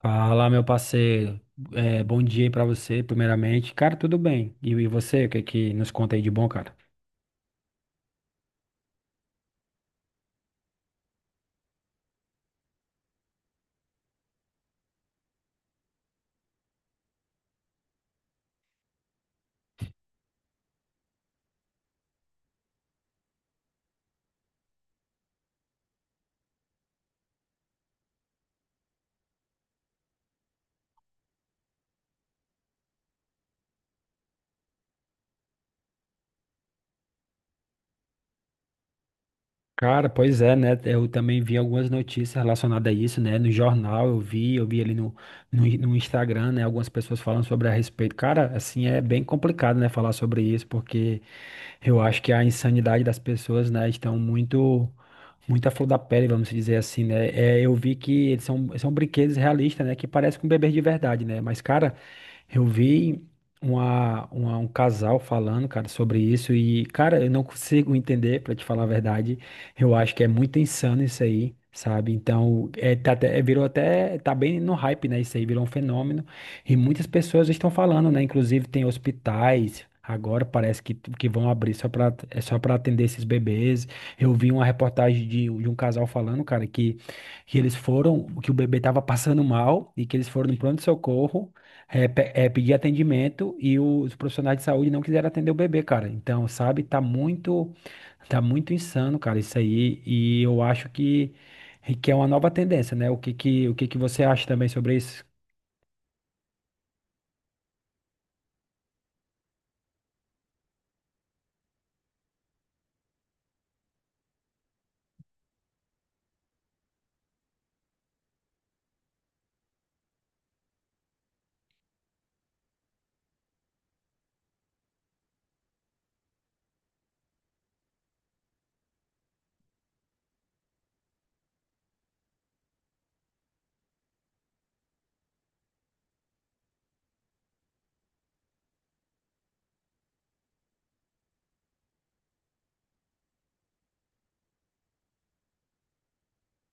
Fala, meu parceiro. Bom dia aí pra você, primeiramente. Cara, tudo bem. E você, o que que nos conta aí de bom, cara? Cara, pois é, né? Eu também vi algumas notícias relacionadas a isso, né? No jornal eu vi ali no Instagram, né? Algumas pessoas falando sobre a respeito. Cara, assim, é bem complicado, né? Falar sobre isso, porque eu acho que a insanidade das pessoas, né? Estão muito à flor da pele, vamos dizer assim, né? É, eu vi que eles são brinquedos realistas, né? Que parecem com bebês de verdade, né? Mas, cara, eu vi um casal falando, cara, sobre isso e, cara, eu não consigo entender, pra te falar a verdade. Eu acho que é muito insano isso aí, sabe? Então, virou até, tá bem no hype, né? Isso aí virou um fenômeno e muitas pessoas estão falando, né? Inclusive tem hospitais agora parece que vão abrir só para só para atender esses bebês. Eu vi uma reportagem de um casal falando, cara, que eles foram, que o bebê tava passando mal e que eles foram no pronto-socorro, pedir atendimento e os profissionais de saúde não quiseram atender o bebê, cara. Então, sabe? Tá muito. Tá muito insano, cara, isso aí, e eu acho que é uma nova tendência, né? O que que você acha também sobre isso?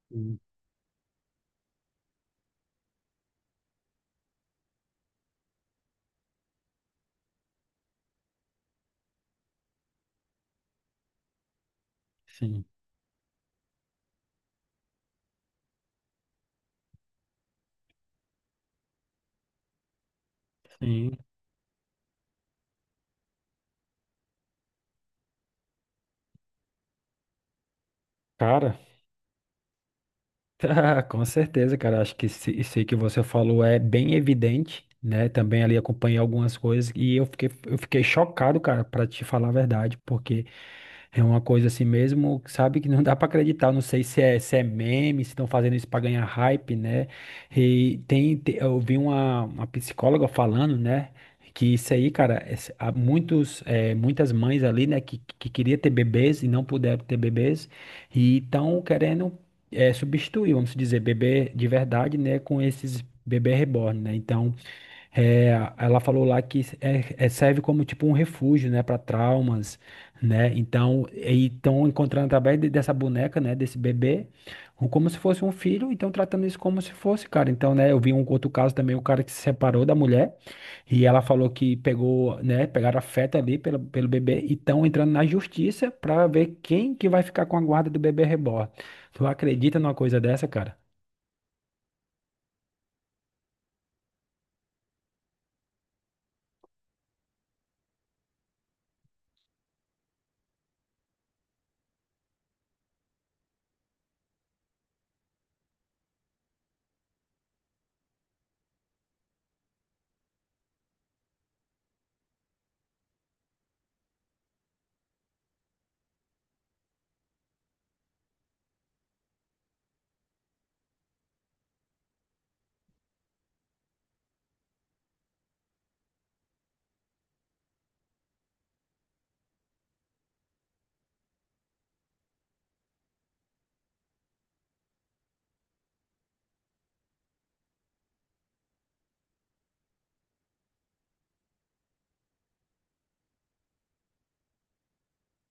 Sim, sim, sim. Cara, Tá, com certeza, cara. Acho que isso aí que você falou é bem evidente, né? Também ali acompanhei algumas coisas e eu fiquei chocado, cara, pra te falar a verdade, porque é uma coisa assim mesmo, sabe, que não dá pra acreditar. Eu não sei se é meme, se estão fazendo isso pra ganhar hype, né? E tem, eu vi uma psicóloga falando, né? Que isso aí, cara, há muitos, muitas mães ali, né, que queria ter bebês e não puderam ter bebês, e estão querendo substituir, vamos dizer, bebê de verdade, né, com esses bebê reborn, né? Então, é, ela falou lá que serve como tipo um refúgio, né, para traumas, né? Então, e estão encontrando através dessa boneca, né, desse bebê, um- como se fosse um filho, então tratando isso como se fosse, cara. Então, né, eu vi um outro caso também, o cara que se separou da mulher e ela falou que pegou, né, pegaram afeto ali pelo bebê e estão entrando na justiça para ver quem que vai ficar com a guarda do bebê reborn. Tu acredita numa coisa dessa, cara?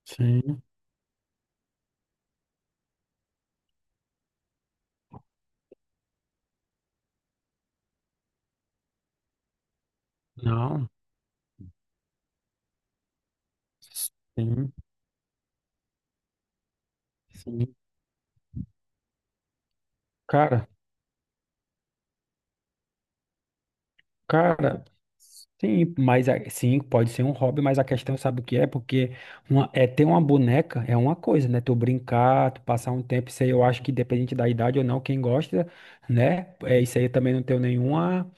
Sim. Não, sim, sim. Cara. Cara, sim, mas sim, pode ser um hobby, mas a questão sabe o que é? Porque uma, é ter uma boneca é uma coisa, né? Tu brincar, tu passar um tempo, isso aí eu acho que dependente da idade ou não, quem gosta, né? É, isso aí eu também não tenho nenhuma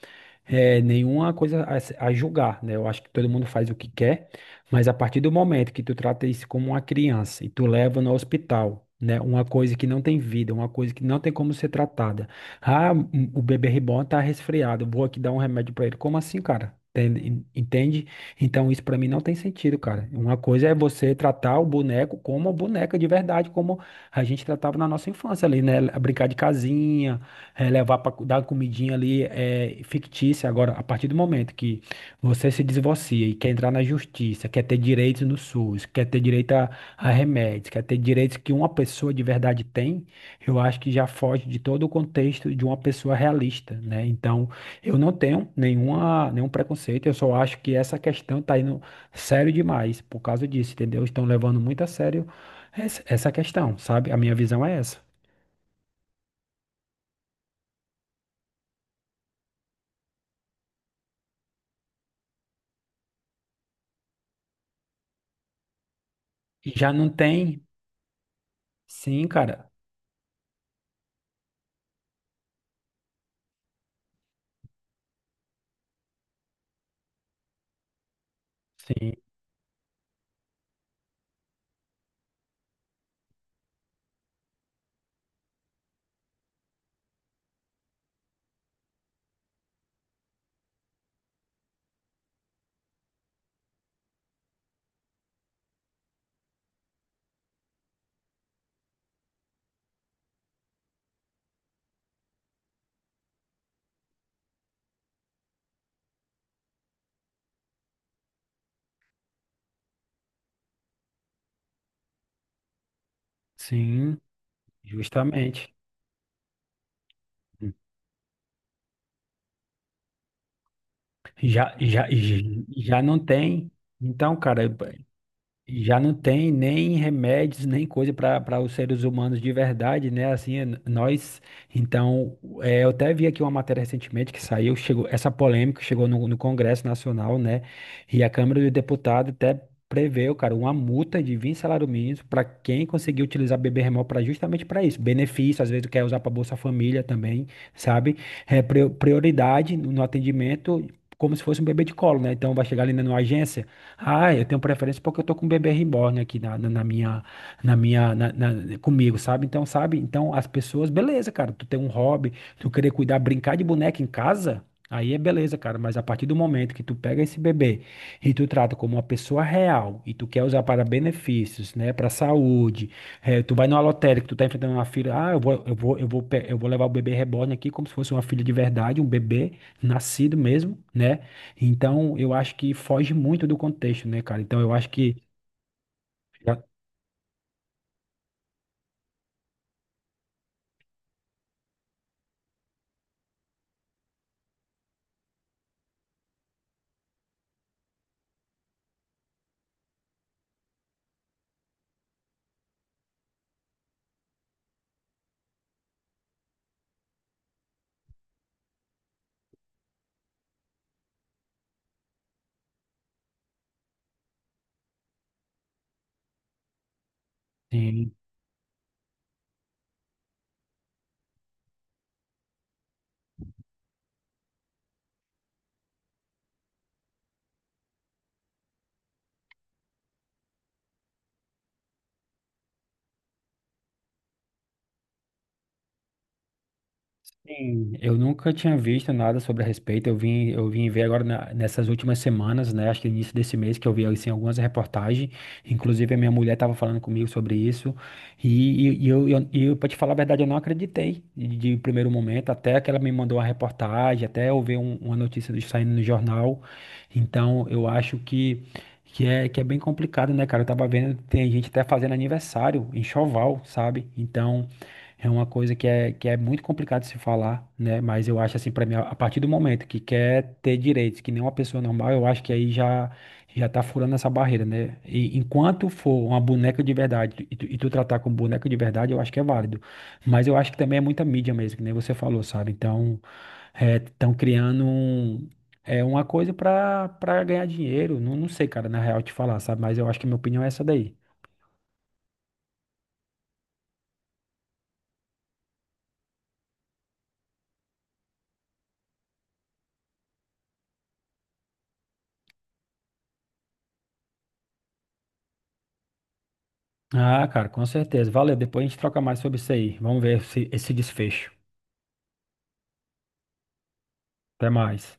é, nenhuma coisa a julgar, né? Eu acho que todo mundo faz o que quer, mas a partir do momento que tu trata isso como uma criança e tu leva no hospital, né? Uma coisa que não tem vida, uma coisa que não tem como ser tratada. Ah, o bebê reborn tá resfriado, vou aqui dar um remédio pra ele. Como assim, cara? Entende? Entende? Então isso pra mim não tem sentido, cara. Uma coisa é você tratar o boneco como uma boneca de verdade, como a gente tratava na nossa infância ali, né? Brincar de casinha, é, levar para dar uma comidinha ali é fictícia. Agora, a partir do momento que você se divorcia e quer entrar na justiça, quer ter direitos no SUS, quer ter direito a remédios, quer ter direitos que uma pessoa de verdade tem, eu acho que já foge de todo o contexto de uma pessoa realista, né? Então, eu não tenho nenhum preconceito, eu só acho que essa questão tá indo sério demais por causa disso, entendeu? Estão levando muito a sério essa questão, sabe? A minha visão é essa. E já não tem, sim, cara. Sim, sim, justamente. Já, já, já não tem. Então, cara, já não tem nem remédios, nem coisa para os seres humanos de verdade, né? Assim, nós. Então, é, eu até vi aqui uma matéria recentemente que saiu, chegou, essa polêmica chegou no Congresso Nacional, né? E a Câmara dos Deputados até preveu, cara, uma multa de 20 salários mínimos para quem conseguir utilizar bebê remoto para justamente para isso. Benefício, às vezes quer usar para Bolsa Família também, sabe? É, prioridade no atendimento. Como se fosse um bebê de colo, né? Então vai chegar ali na numa agência. Ah, eu tenho preferência porque eu tô com um bebê reborn aqui na minha, comigo, sabe? Então, sabe? Então, as pessoas, beleza, cara, tu tem um hobby, tu querer cuidar, brincar de boneca em casa, aí é beleza, cara, mas a partir do momento que tu pega esse bebê e tu trata como uma pessoa real e tu quer usar para benefícios, né, para saúde, tu vai numa lotérica, tu tá enfrentando uma filha, ah, eu vou levar o bebê reborn aqui como se fosse uma filha de verdade, um bebê nascido mesmo, né? Então, eu acho que foge muito do contexto, né, cara? Então, eu acho que. Sim, eu nunca tinha visto nada sobre a respeito. Eu vim ver agora nessas últimas semanas, né? Acho que no início desse mês que eu vi assim, algumas reportagens. Inclusive, a minha mulher estava falando comigo sobre isso. E eu, para te falar a verdade, eu não acreditei de primeiro momento, até que ela me mandou uma reportagem, até eu ver uma notícia saindo no jornal. Então, eu acho que é bem complicado, né, cara? Eu tava vendo, tem gente até fazendo aniversário em Choval, sabe? Então. É uma coisa que é muito complicado de se falar, né? Mas eu acho assim, para mim, a partir do momento que quer ter direitos, que nem uma pessoa normal, eu acho que aí já tá furando essa barreira, né? E enquanto for uma boneca de verdade e tu tratar como boneca de verdade, eu acho que é válido. Mas eu acho que também é muita mídia mesmo, que nem você falou, sabe? Então, estão criando um- é uma coisa para ganhar dinheiro. Não, não sei, cara, na real te falar, sabe? Mas eu acho que minha opinião é essa daí. Ah, cara, com certeza. Valeu. Depois a gente troca mais sobre isso aí. Vamos ver esse desfecho. Até mais.